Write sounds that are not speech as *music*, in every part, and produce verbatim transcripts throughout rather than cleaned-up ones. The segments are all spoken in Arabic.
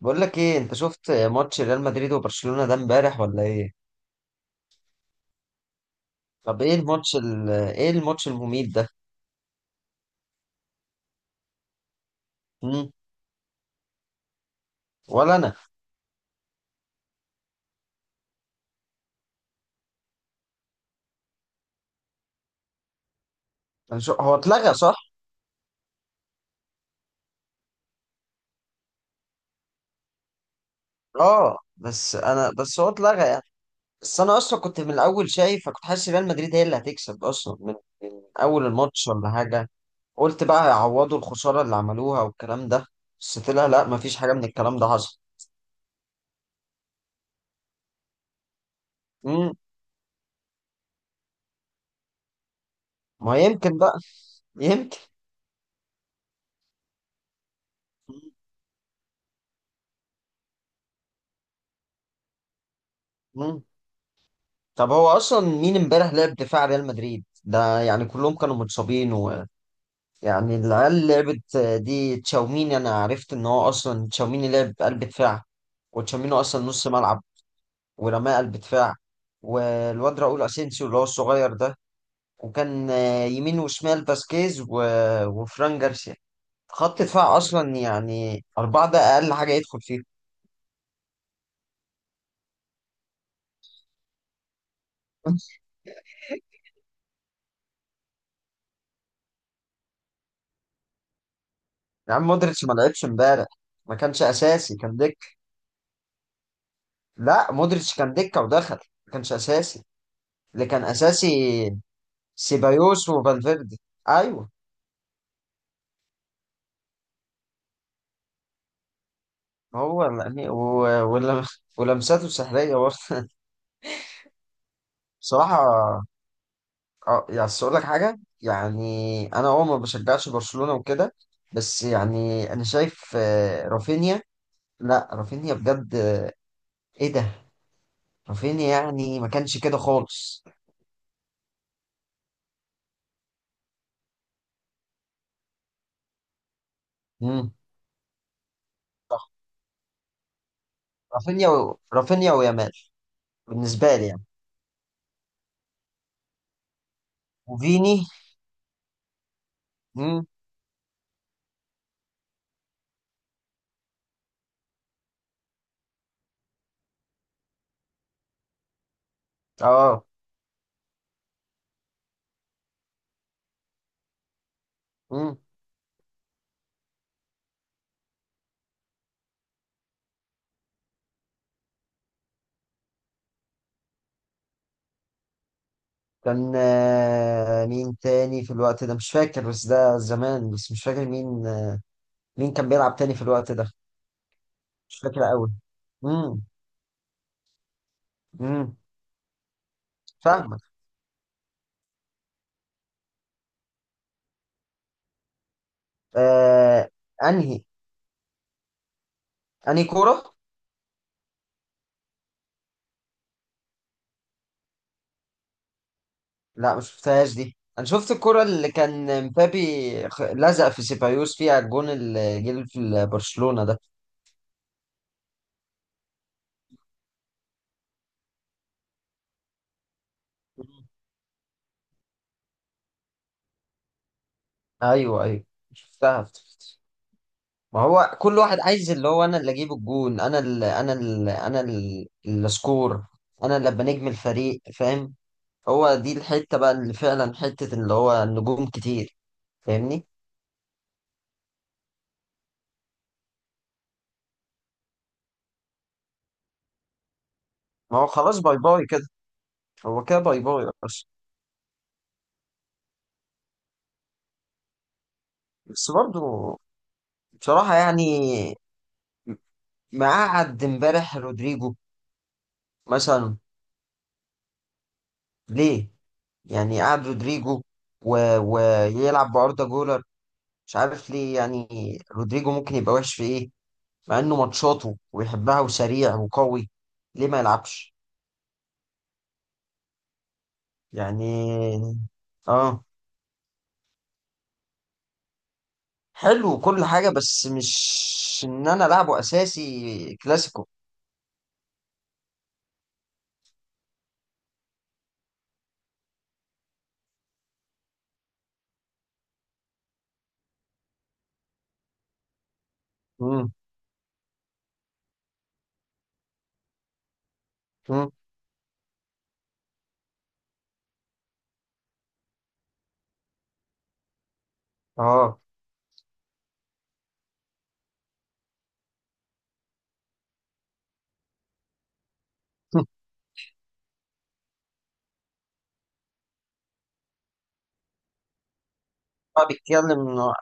بقول لك ايه، انت شفت ماتش ريال مدريد وبرشلونة ده امبارح ولا ايه؟ طب ايه الماتش ال... ايه الماتش المميت ده؟ مم. ولا انا. أنا شو... هو اتلغى صح؟ اه بس انا بس هو اتلغى يعني. بس انا اصلا كنت من الاول شايف، كنت حاسس ريال مدريد هي اللي هتكسب اصلا من... من اول الماتش ولا حاجة. قلت بقى هيعوضوا الخسارة اللي عملوها والكلام ده، بس طلع لا، مفيش حاجة من الكلام ده حصل. مم. ما يمكن بقى، يمكن. مم. طب هو اصلا مين امبارح لعب دفاع ريال مدريد ده؟ يعني كلهم كانوا متصابين، ويعني العيال اللي لعبت دي تشاوميني. انا عرفت ان هو اصلا تشاوميني لعب قلب دفاع، وتشاوميني اصلا نص ملعب ورماه قلب دفاع. والواد راؤول اسينسيو اللي هو الصغير ده، وكان آه، يمين وشمال فاسكيز و... وفران جارسيا. خط دفاع اصلا يعني اربعه ده اقل حاجه يدخل فيه. *laughs* يا عم مودريتش ما لعبش امبارح. ما كانش اساسي، كان دكه. لا، مودريتش كان دكة ودخل. ما كانش أساسي. اللي كان أساسي سيبايوس وفالفيردي. أيوه. هو يعني و- ولم- ولمساته سحرية برضه. بصراحة. أه يعني أصل أقول لك حاجة يعني، أنا أه ما بشجعش برشلونة وكده. بس يعني أنا شايف آه، رافينيا. لا رافينيا بجد آه، إيه ده؟ رافينيا يعني ما كانش كده خالص. مم. رافينيا و... رافينيا ويامال. بالنسبة لي يعني. وفيني. مم. أه. مم. كان آه، مين تاني في الوقت ده؟ مش فاكر، بس ده زمان بس مش فاكر مين. مين كان بيلعب تاني في الوقت ده؟ مش فاكر قوي. امم. امم. فاهمك. آه. انهي؟ انهي كورة؟ لا، مش شفتهاش دي. انا شفت الكورة اللي كان مبابي خ- لزق في سيبايوس فيها، الجون اللي جه في برشلونة ده. مم. ايوه، ايوه، شفتها افتكرت. ما هو كل واحد عايز، اللي هو انا اللي اجيب الجون، انا اللي انا اللي انا اللي اللي اسكور، انا اللي ابقى نجم الفريق، فاهم؟ هو دي الحته بقى اللي فعلا حته اللي هو النجوم كتير. فاهمني؟ ما هو خلاص، باي باي كده. هو كده باي باي بس. بس برضه. بصراحه يعني، ما قعد امبارح رودريجو مثلا ليه؟ يعني قعد رودريجو و... ويلعب باردا جولر؟ مش عارف ليه يعني. رودريجو ممكن يبقى وحش في ايه؟ مع انه ماتشاته وبيحبها وسريع وقوي، ليه ما يلعبش يعني؟ اه. حلو وكل حاجه، بس مش ان انا لعبه اساسي كلاسيكو. مم. مم. اه. *laughs* هو بيتكلم انه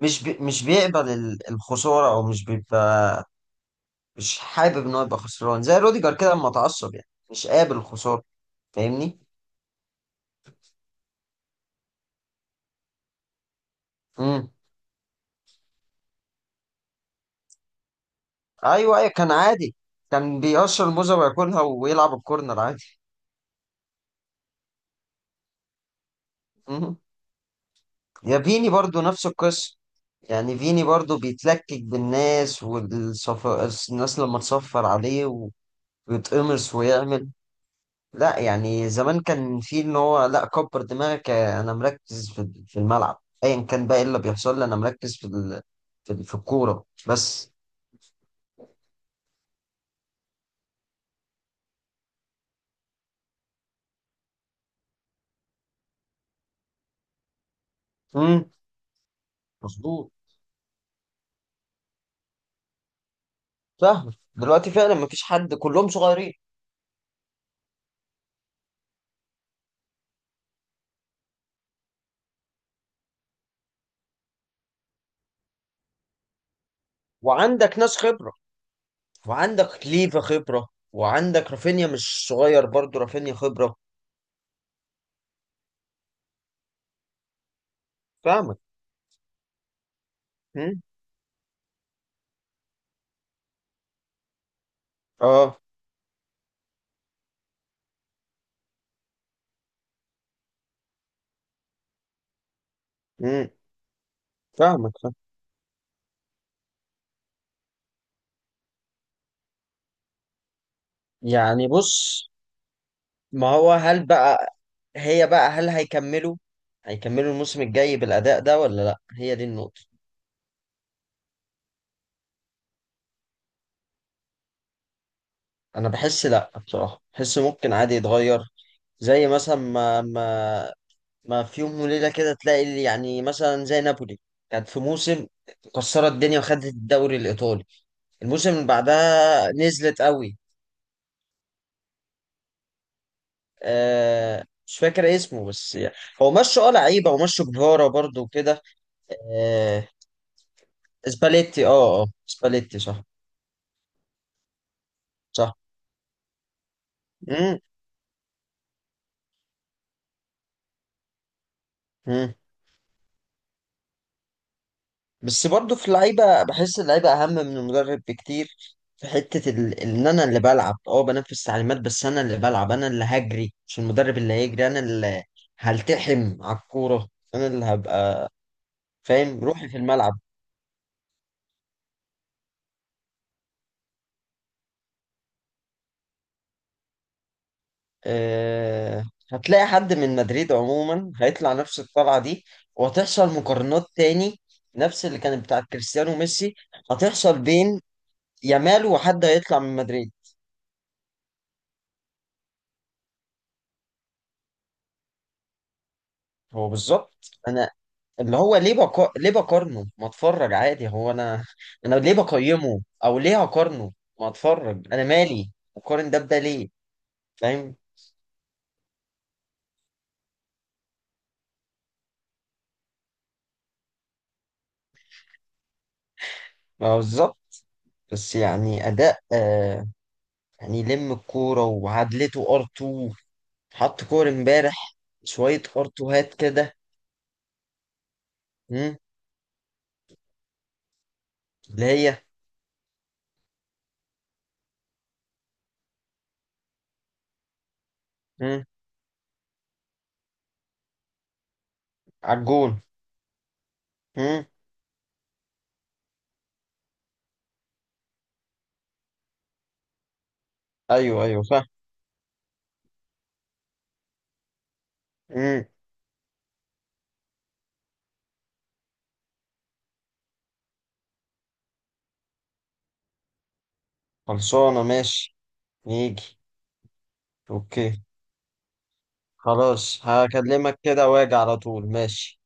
مش بي... مش بيقبل ال- الخساره، او مش بيبقى، مش حابب ان هو يبقى خسران. زي روديجر كده لما اتعصب، يعني مش قابل الخساره. فاهمني؟ امم. ايوه، ايوه، كان عادي. كان بيقشر الموزه وياكلها ويلعب الكورنر عادي. مم. يا فيني برضو نفس القصة. يعني فيني برضو بيتلكك بالناس، والصفر الناس لما تصفر عليه و- ويتقمص ويعمل. لا يعني زمان كان في ان هو لا، كبر دماغك يا- انا مركز في في الملعب، ايا كان بقى ايه اللي بيحصل لي، انا مركز في ال... في ال- في الكورة بس. امم. مظبوط. فاهم. دلوقتي فعلا مفيش حد، كلهم صغيرين. وعندك ناس خبرة، وعندك ليفا خبرة، وعندك رافينيا مش صغير برضو، رافينيا خبرة. فاهمك. اه. امم. فاهمك. فاهم. يعني بص، ما هو هل بقى، هي بقى هل هيكملوا؟ هيكملوا الموسم الجاي بالأداء ده ولا لا؟ هي دي النقطة. انا بحس لا، بصراحة بحس ممكن عادي يتغير. زي مثلا ما ما ما في يوم وليلة كده تلاقي اللي، يعني مثلا زي نابولي، كانت في موسم كسرت الدنيا وخدت الدوري الإيطالي، الموسم اللي بعدها نزلت قوي. آه مش فاكر اسمه بس يعني. هو مشوا اه لعيبة ومشوا جفارة برضه وكده. آه، سباليتي اه اه سباليتي صح. صح مم. مم. بس برضو في اللعيبة، بحس اللعيبة أهم من المدرب بكتير. في حتة ال... إن أنا اللي بلعب، اه بنفذ تعليمات، بس أنا اللي بلعب، أنا اللي هجري مش المدرب اللي هيجري، أنا اللي هلتحم على الكورة، أنا اللي هبقى. فاهم روحي في الملعب. أه... هتلاقي حد من مدريد عموما هيطلع نفس الطلعة دي، وهتحصل مقارنات تاني نفس اللي كانت بتاعت كريستيانو وميسي، هتحصل بين يامال وحد هيطلع من مدريد. هو بالظبط انا، اللي هو ليه بقا... ليه بقارنه؟ ما اتفرج عادي. هو انا، انا ليه بقيمه او ليه هقارنه؟ ما اتفرج، انا مالي؟ اقارن ده بده ليه؟ فاهم؟ ما هو بالظبط. بس يعني اداء آه يعني لم الكوره وعدلته ار اتنين، حط كور امبارح شويه ار اتنين هات كده. مم، اللي هي، مم، على الجون، مم، ايوه، ايوه، فاهم. مم. خلصانه، ماشي. يجي. اوكي. خلاص هكلمك كده واجي على طول، ماشي.